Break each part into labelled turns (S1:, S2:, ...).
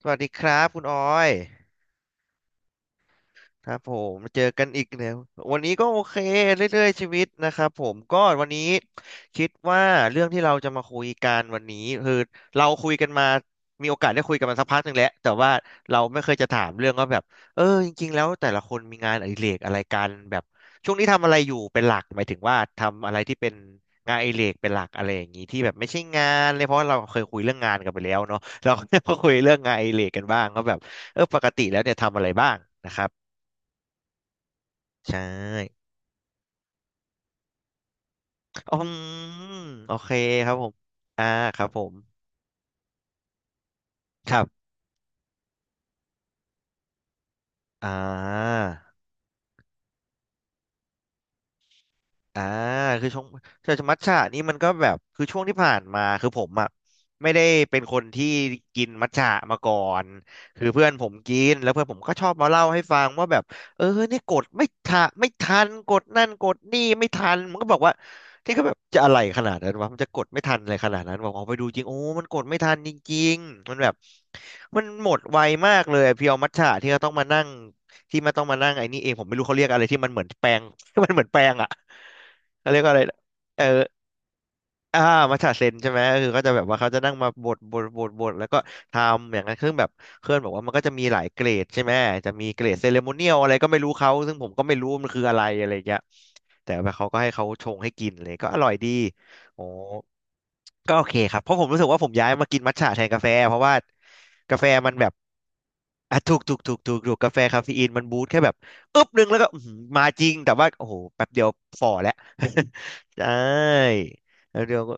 S1: สวัสดีครับคุณออย ครับผมมาเจอกันอีกแล้ววันนี้ก็โอเคเรื่อยๆชีวิตนะครับผมก็วันนี้คิดว่าเรื่องที่เราจะมาคุยกันวันนี้คือเราคุยกันมามีโอกาสได้คุยกันมาสักพักหนึ่งแล้วแต่ว่าเราไม่เคยจะถามเรื่องว่าแบบจริงๆแล้วแต่ละคนมีงานอดิเรกอะไรกันแบบช่วงนี้ทำอะไรอยู่เป็นหลักหมายถึงว่าทำอะไรที่เป็นงานอดิเรกเป็นหลักอะไรอย่างนี้ที่แบบไม่ใช่งานเลยเพราะว่าเราเคยคุยเรื่องงานกันไปแล้วเนาะเราก็จะมาคุยเรื่องงานอดิเรกกันบ้างก็แบบปกติแล้วเนี่ยทำอะไรบ้างนะครับ ใช่อืมโอเคครับผม อ่าครับผม ครับ อ่า อ่าคือช่วงมัทฉะนี่มันก็แบบคือช่วงที่ผ่านมาคือผมอ่ะไม่ได้เป็นคนที่กินมัทฉะมาก่อนคือเพื่อนผมกินแล้วเพื่อนผมก็ชอบมาเล่าให้ฟังว่าแบบเนี่ยกดไม่ทันกดนั่นกดนี่ไม่ทันมันก็บอกว่าที่เขาแบบจะอะไรขนาดนั้นวะมันจะกดไม่ทันอะไรขนาดนั้นบอกออกไปดูจริงโอ้มันกดไม่ทันจริงๆมันแบบมันหมดไวมากเลยเพียวมัทฉะที่เขาต้องมานั่ง ไม่ต้องมานั่งไอ้นี่เองผมไม่รู้เขาเรียกอะไรที่มันเหมือนแปลง มันเหมือนแปลงอ่ะเขาเรียกว่าอะไรนะเอออ่ามัชฌะเซนใช่ไหมคือก็จะแบบว่าเขาจะนั่งมาบดแล้วก็ทำอย่างนั้นซึ่งแบบเพื่อนบอกว่ามันก็จะมีหลายเกรดใช่ไหมจะมีเกรดเซเลโมเนียลอะไรก็ไม่รู้เขาซึ่งผมก็ไม่รู้มันคืออะไรอะไรอย่างเงี้ยแต่ว่าเขาก็ให้เขาชงให้กินเลยก็อร่อยดีโอ้ ก็โอเคครับเพราะผมรู้สึกว่าผมย้ายมากินมัทฉะแทนกาแฟเพราะว่ากาแฟมันแบบอ่ะถูกกาแฟคาเฟอีนมันบูสต์แค่แบบอึ๊บหนึงแล้วก็อื้อหือมาจริงแต่ว่าโอ้โหแป๊บเดียวฝ่อแล้ว ใช่แล้วเดียวก็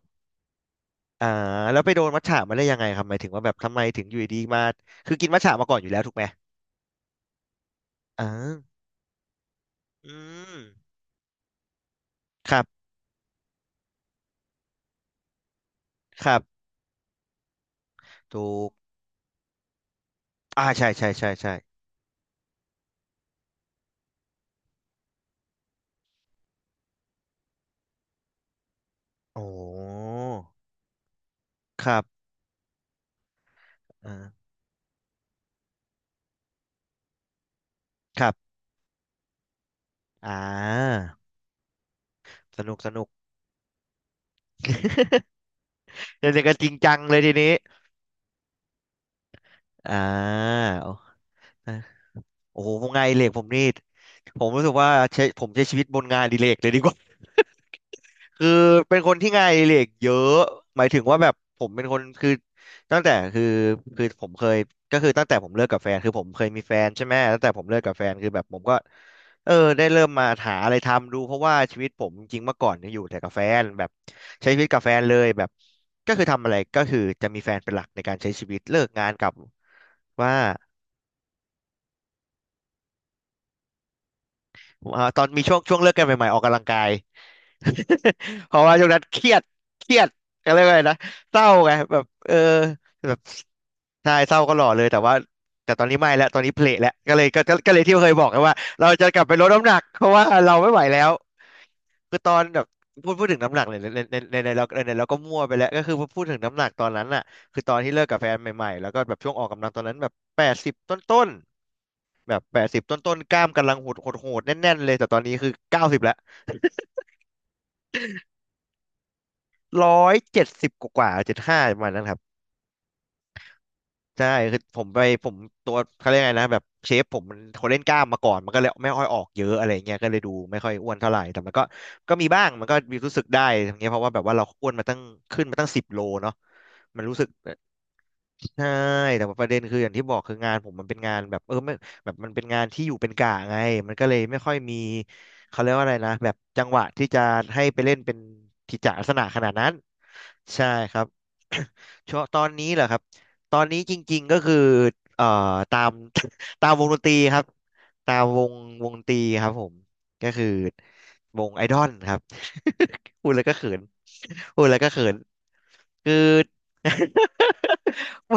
S1: อ่าแล้วไปโดนมัทฉะมาได้ยังไงครับหมายถึงว่าแบบทำไมถึงอยู่ดีๆมาคือกินมัทฉะมาก่อนอยู่แล้วถูกไหมอ่าอืมครับครับถูกอ่าใช่โอ้ครับอ่าครับอ่าสนุกเดี๋ยวก็จริงจังเลยทีนี้อ่าโอ้โอ้โหงานอดิเรกผมนี่ ผมรู้สึกว่าใช้ชีวิตบนงานอดิเรกเลยดีกว่า คือเป็นคนที่งานอดิเรกเยอะหมายถึงว่าแบบผมเป็นคนคือตั้งแต่คือผมเคยก็คือตั้งแต่ผมเลิกกับแฟนคือผมเคยมีแฟนใช่ไหมตั้งแต่ผมเลิกกับแฟนคือแบบผมก็ได้เริ่มมาหาอะไรทำดูเพราะว่าชีวิตผมจริงๆเมื่อก่อนเนี่ยอยู่แต่กับแฟนแบบใช้ชีวิตกับแฟนเลยแบบก็คือทำอะไรก็คือจะมีแฟนเป็นหลักในการใช้ชีวิตเลิกงานกลับว่าอ่าตอนมีช่วงเลิกกันใหม่ๆออกกำลังกาย เพราะว่าช่วงนั้นเครียดเครียดก็เรียกว่าอะไรนะเศร้าไงแบบแบบใช่เศร้าก็หล่อเลยแต่ว่าตอนนี้ไม่แล้วตอนนี้เพละแล้วก็เลยก็ก็ก็เลยที่เคยบอกไงว่าเราจะกลับไปลดน้ำหนักเพราะว่าเราไม่ไหวแล้วคือตอนแบบพูดถึงน้ำหนักเลยในในในในเราในในเราก็มั่วไปแล้วก็คือพูดถึงน้ำหนักตอนนั้นน่ะคือตอนที่เลิกกับแฟนใหม่ๆแล้วก็แบบช่วงออกกำลังตอนนั้นแบบแปดสิบต้นๆแบบแปดสิบต้นๆ กล้ามกำลังโหดโหดๆแน่นๆเลยแต่ตอนนี้คือเก้าสิบ ร้อยเจ็ดสิบกว่าเจ็ดห้าประมาณนั้นครับใช่คือผมไปผมตัวเขาเรียกไงนะแบบเชฟผมมันเขาเล่นกล้ามมาก่อนมันก็เลยไม่ค่อยออกเยอะอะไรเงี้ยก็เลยดูไม่ค่อยอ้วนเท่าไหร่แต่มันก็มีบ้างมันก็มีรู้สึกได้ทั้งเนี้ยเพราะว่าแบบว่าเราอ้วนมาตั้งขึ้นมาตั้งสิบโลเนาะมันรู้สึก ใช่แต่ว่าประเด็นคืออย่างที่บอกคืองานผมมันเป็นงานแบบไม่แบบมันเป็นงานที่อยู่เป็นกะไงมันก็เลยไม่ค่อยมีเขาเรียกว่าอะไรนะแบบจังหวะที่จะให้ไปเล่นเป็นกิจจลักษณะขนาดนั้นใช่ครับ ช่วงตอนนี้เหรอครับตอนนี้จริงๆก็คือเอ่อตาม ตามวงดนตรีครับตามวงวงดนตรีครับผมก็คือวงไอดอลครับ พูดแล้วก็เขินพูดแล้วก็เขินคือ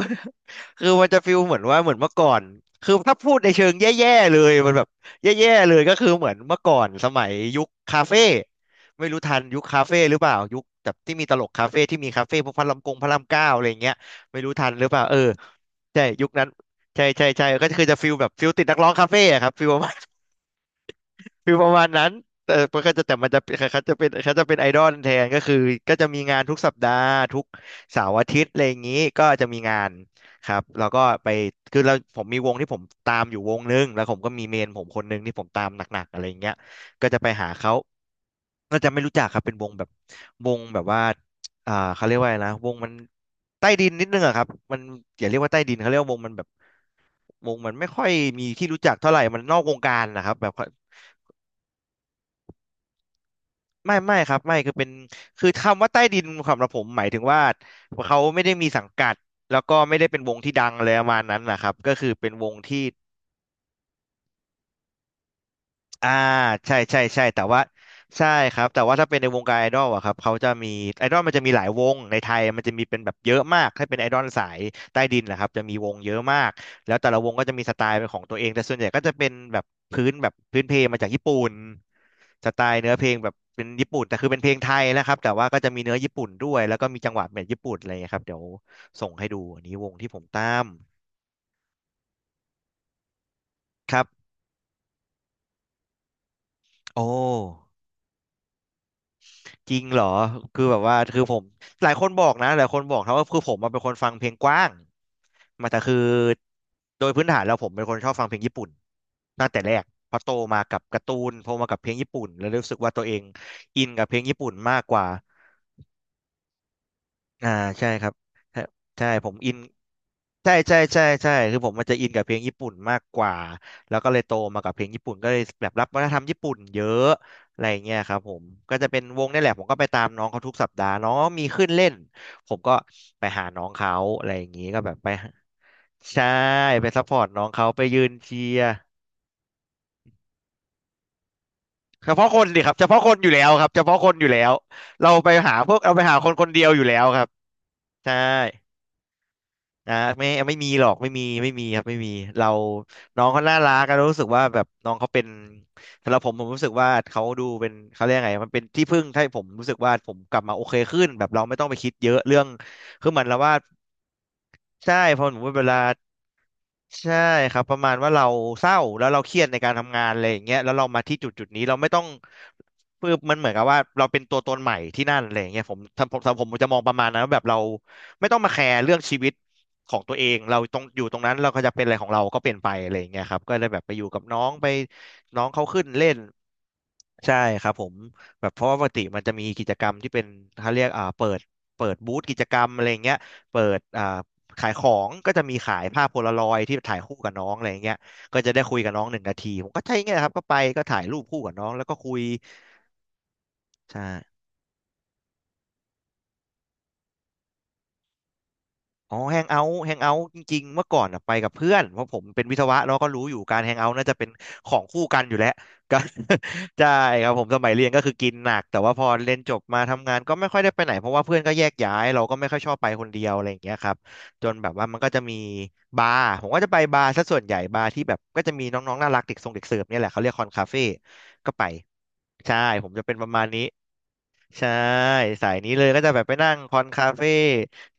S1: คือมันจะฟีลเหมือนว่าเหมือนเมื่อก่อนคือถ้าพูดในเชิงแย่ๆเลยมันแบบแย่ๆเลยก็คือเหมือนเมื่อก่อนสมัยยุคคาเฟ่ไม่รู้ทันยุคคาเฟ่หรือเปล่ายุคแบบที่มีตลกคาเฟ่ที่มีคาเฟ่พวกพระรามกงพระรามเก้าอะไรอย่างเงี้ยไม่รู้ทันหรือเปล่าเออใช่ยุคนั้นใช่ใช่ใช่ก็คือจะฟีลแบบฟีลติดนักร้องคาเฟ่อะครับฟีล คือประมาณนั้นแต่มันก็จะแต่มันจะเป็นเขาจะเป็นเขาจะเป็นไอดอลแทนก็คือก็จะมีงานทุกสัปดาห์ทุกเสาร์อาทิตย์อะไรอย่างนี้ก็จะมีงานครับแล้วก็ไปคือเราผมมีวงที่ผมตามอยู่วงนึงแล้วผมก็มีเมนผมคนนึงที่ผมตามหนักๆอะไรอย่างเงี้ยก็จะไปหาเขาก็จะไม่รู้จักครับเป็นวงแบบวงแบบว่าเขาเรียกว่าอะไรนะวงมันใต้ดินนิดนึงอะครับมันอย่าเรียกว่าใต้ดินเขาเรียกว่าวงมันแบบวงมันไม่ค่อยมีที่รู้จักเท่าไหร่มันนอกวงการนะครับแบบ ไม่ครับไม่คือเป็นคือคำว่าใต้ดินสำหรับผมหมายถึงว่าเขาไม่ได้มีสังกัดแล้วก็ไม่ได้เป็นวงที่ดังเลยประมาณนั้นนะครับก็คือเป็นวงที่ อ่าใช่ใช่ใช่แต่ว่าใช่ครับแต่ว่าถ้าเป็นในวงการไอดอลอะครับเขาจะมีไอดอลมันจะมีหลายวงในไทยมันจะมีเป็นแบบเยอะมากถ้าเป็นไอดอลสายใต้ดินนะครับจะมีวงเยอะมากแล้วแต่ละวงก็จะมีสไตล์เป็นของตัวเองแต่ส่วนใหญ่ก็จะเป็นแบบพื้นแบบพื้นเพลงมาจากญี่ปุ่นสไตล์เนื้อเพลงแบบเป็นญี่ปุ่นแต่คือเป็นเพลงไทยนะครับแต่ว่าก็จะมีเนื้อญี่ปุ่นด้วยแล้วก็มีจังหวะแบบญี่ปุ่นอะไรอย่างเงี้ยครับเดี๋ยวส่งให้ดูอันนี้วงที่ผมตามครับโอ้ จริงเหรอคือแบบว่าคือผมหลายคนบอกนะหลายคนบอกนะว่าคือผมมาเป็นคนฟังเพลงกว้างมาแต่คือโดยพื้นฐานแล้วผมเป็นคนชอบฟังเพลงญี่ปุ่นตั้งแต่แรกเพอโตมากับการ์ตูนโตมากับเพลงญี่ปุ่นแล้วรู้สึกว่าตัวเองอินกับเพลงญี่ปุ่นมากกว่า อ่าใช่ครับใช่ใช่ผมอินใช่ใช่ใช่ใช่คือผมมันจะอินกับเพลงญี่ปุ่นมากกว่าแล้วก็เลยโตมากับเพลงญี่ปุ่นก็เลยแบบรับวัฒนธรรมญี่ปุ่นเยอะอะไรอย่างเงี้ยครับผมก็จะเป็นวงนี่แหละผมก็ไปตามน้องเขาทุกสัปดาห์น้องมีขึ้นเล่นผมก็ไปหาน้องเขาอะไรอย่างงี้ก็แบบไปใช่ไปซัพพอร์ตน้องเขาไปยืนเชียร์เฉพาะคนดิครับเฉพาะคนอยู่แล้วครับเฉพาะคนอยู่แล้วเราไปหาพวกเราไปหาคนคนเดียวอยู่แล้วครับใช่ อ่าไม่มีหรอกไม่มีไม่มีครับไม่มีเราน้องเขาน่ารักก็รู้สึกว่าแบบน้องเขาเป็นสำหรับผมผมรู้สึกว่าเขาดูเป็นเขาเรียกไงมันเป็นที่พึ่งให้ผมรู้สึกว่าผมกลับมาโอเคขึ้นแบบเราไม่ต้องไปคิดเยอะเรื่องคือเหมือนเราว่าใช่พอผมเวลา ใช่ครับประมาณว่าเราเศร้าแล้วเราเครียดในการทำงานอะไรอย่างเงี้ยแล้วเรามาที่จุดจุดนี้เราไม่ต้องคืบมันเหมือนกับว่าเราเป็นตัวตนใหม่ที่นั่นอะไรอย่างเงี้ยผมจะมองประมาณนั้นว่าแบบเราไม่ต้องมาแคร์เรื่องชีวิตของตัวเองเราตรงอยู่ตรงนั้นเราก็จะเป็นอะไรของเราก็เป็นไปอะไรอย่างเงี้ยครับก็ได้แบบไปอยู่กับน้องไปน้องเขาขึ้นเล่น ใช่ครับผมแบบเพราะว่าปกติมันจะมีกิจกรรมที่เป็นเขาเรียกเปิดเปิดบูธกิจกรรมอะไรเงี้ยเปิดขายของก็จะมีขายภาพโพลารอยด์ที่ถ่ายคู่กับน้องอะไรเงี้ยก็จะได้คุยกับน้อง1 นาทีผมก็ใช่เงี้ยครับก็ไปก็ถ่ายรูปคู่กับน้องแล้วก็คุยใช่ อ๋อแฮงเอาท์แฮงเอาท์จริงๆเมื่อก่อนอะไปกับเพื่อนเพราะผมเป็นวิศวะเราก็รู้อยู่การแฮงเอาท์น่าจะเป็นของคู่กันอยู่แล้วก็ ใช่ครับผมสมัยเรียนก็คือกินหนักแต่ว่าพอเรียนจบมาทำงานก็ไม่ค่อยได้ไปไหนเพราะว่าเพื่อนก็แยกย้ายเราก็ไม่ค่อยชอบไปคนเดียวอะไรอย่างเงี้ยครับจนแบบว่ามันก็จะมีบาร์ผมก็จะไปบาร์ซะส่วนใหญ่บาร์ที่แบบก็จะมีน้องๆน่ารักเด็กสรงเด็กเสิร์ฟเนี่ยแหละเขาเรียกคอนคาเฟ่ก็ไปใช่ผมจะเป็นประมาณนี้ ใช่สายนี้เลยก็จะแบบไปนั่งคอนคาเฟ่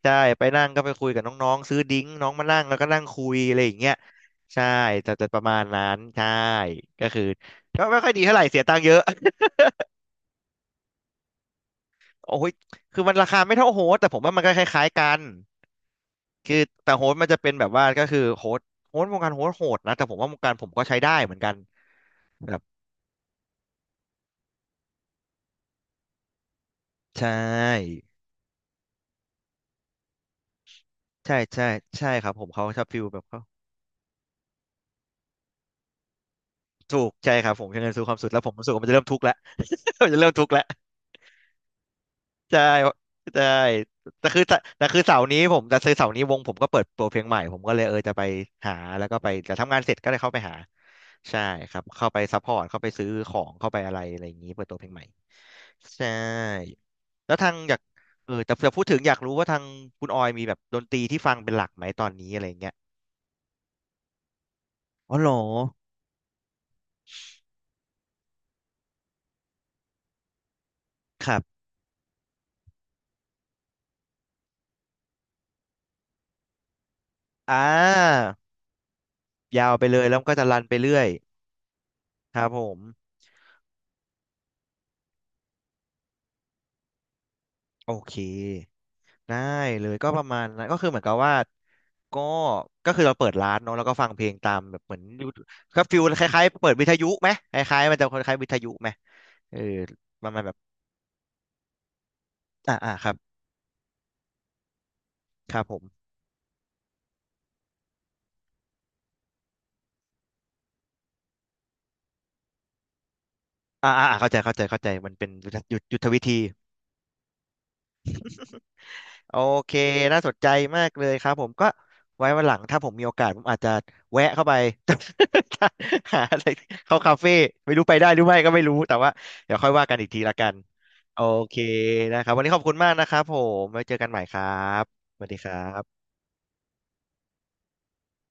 S1: ใช่ไปนั่งก็ไปคุยกับน้องๆซื้อดิ้งน้องมานั่งแล้วก็นั่งคุยอะไรอย่างเงี้ยใช่จะประมาณนั้นใช่ก็คือก็ไม่ค่อยดีเท่าไหร่เสียตังค์เยอะ โอ้ยคือมันราคาไม่เท่าโฮสต์แต่ผมว่ามันก็คล้ายๆกันคือแต่โฮสต์มันจะเป็นแบบว่าก็คือโฮสต์วงการโฮสต์โหดนะแต่ผมว่าวงการผมก็ใช้ได้เหมือนกันแบบใช่ใช่ใช่ใช่ครับผมเขาชอบฟิลแบบเขาถูกใช่ครับผมใช้เงินซื้อความสุขแล้วผมรู้สึกว่ามันจะเริ่มทุกข์แล้ว มันจะเริ่มทุกข์แล้ว ใช่ใช่แต่คือแต่คือเสาร์นี้ผมแต่คือเสาร์นี้วงผมก็เปิดตัวเพลงใหม่ผมก็เลยเออจะไปหาแล้วก็ไปแต่ทำงานเสร็จก็เลยเข้าไปหาใช่ครับเข้าไปซัพพอร์ตเข้าไปซื้อของเข้าไปอะไรอะไรอย่างนี้เปิดตัวเพลงใหม่ใช่แล้วทางอยากเออแต่พูดถึงอยากรู้ว่าทางคุณออยมีแบบดนตรีที่ฟังเป็นหลักไหมตอนนี้อะไรอย่างเงี้ยอ๋อเหรอครับอ่ายาวไปเลยแล้วก็จะรันไปเรื่อยครับผมโอเค ได้เลยก็ประมาณนั้นก็คือเหมือนกับว่าก็ก็คือเราเปิดร้านเนาะแล้วก็ฟังเพลงตามแบบเหมือนยูก็ฟิลคล้ายๆเปิดวิทยุไหมคล้ายๆมันจะคล้ายๆวิทยุไหมเออประมาณแบบอ่าอ่าครับครับผมอ่าอ่าอ่าเข้าใจเข้าใจเข้าใจมันเป็นยุทธยุทธวิธี โอเคน่าสนใจมากเลยครับผมก็ไว้วันหลังถ้าผมมีโอกาสผมอาจจะแวะเข้าไป หาอะไรเข้าคาเฟ่ไม่รู้ไปได้หรือไม่ก็ไม่รู้แต่ว่าเดี๋ยวค่อยว่ากันอีกทีละกันโอเคนะครับวันนี้ขอบคุณมากนะครับผมไว้เจอกันใหม่ครับสวัสดีครับ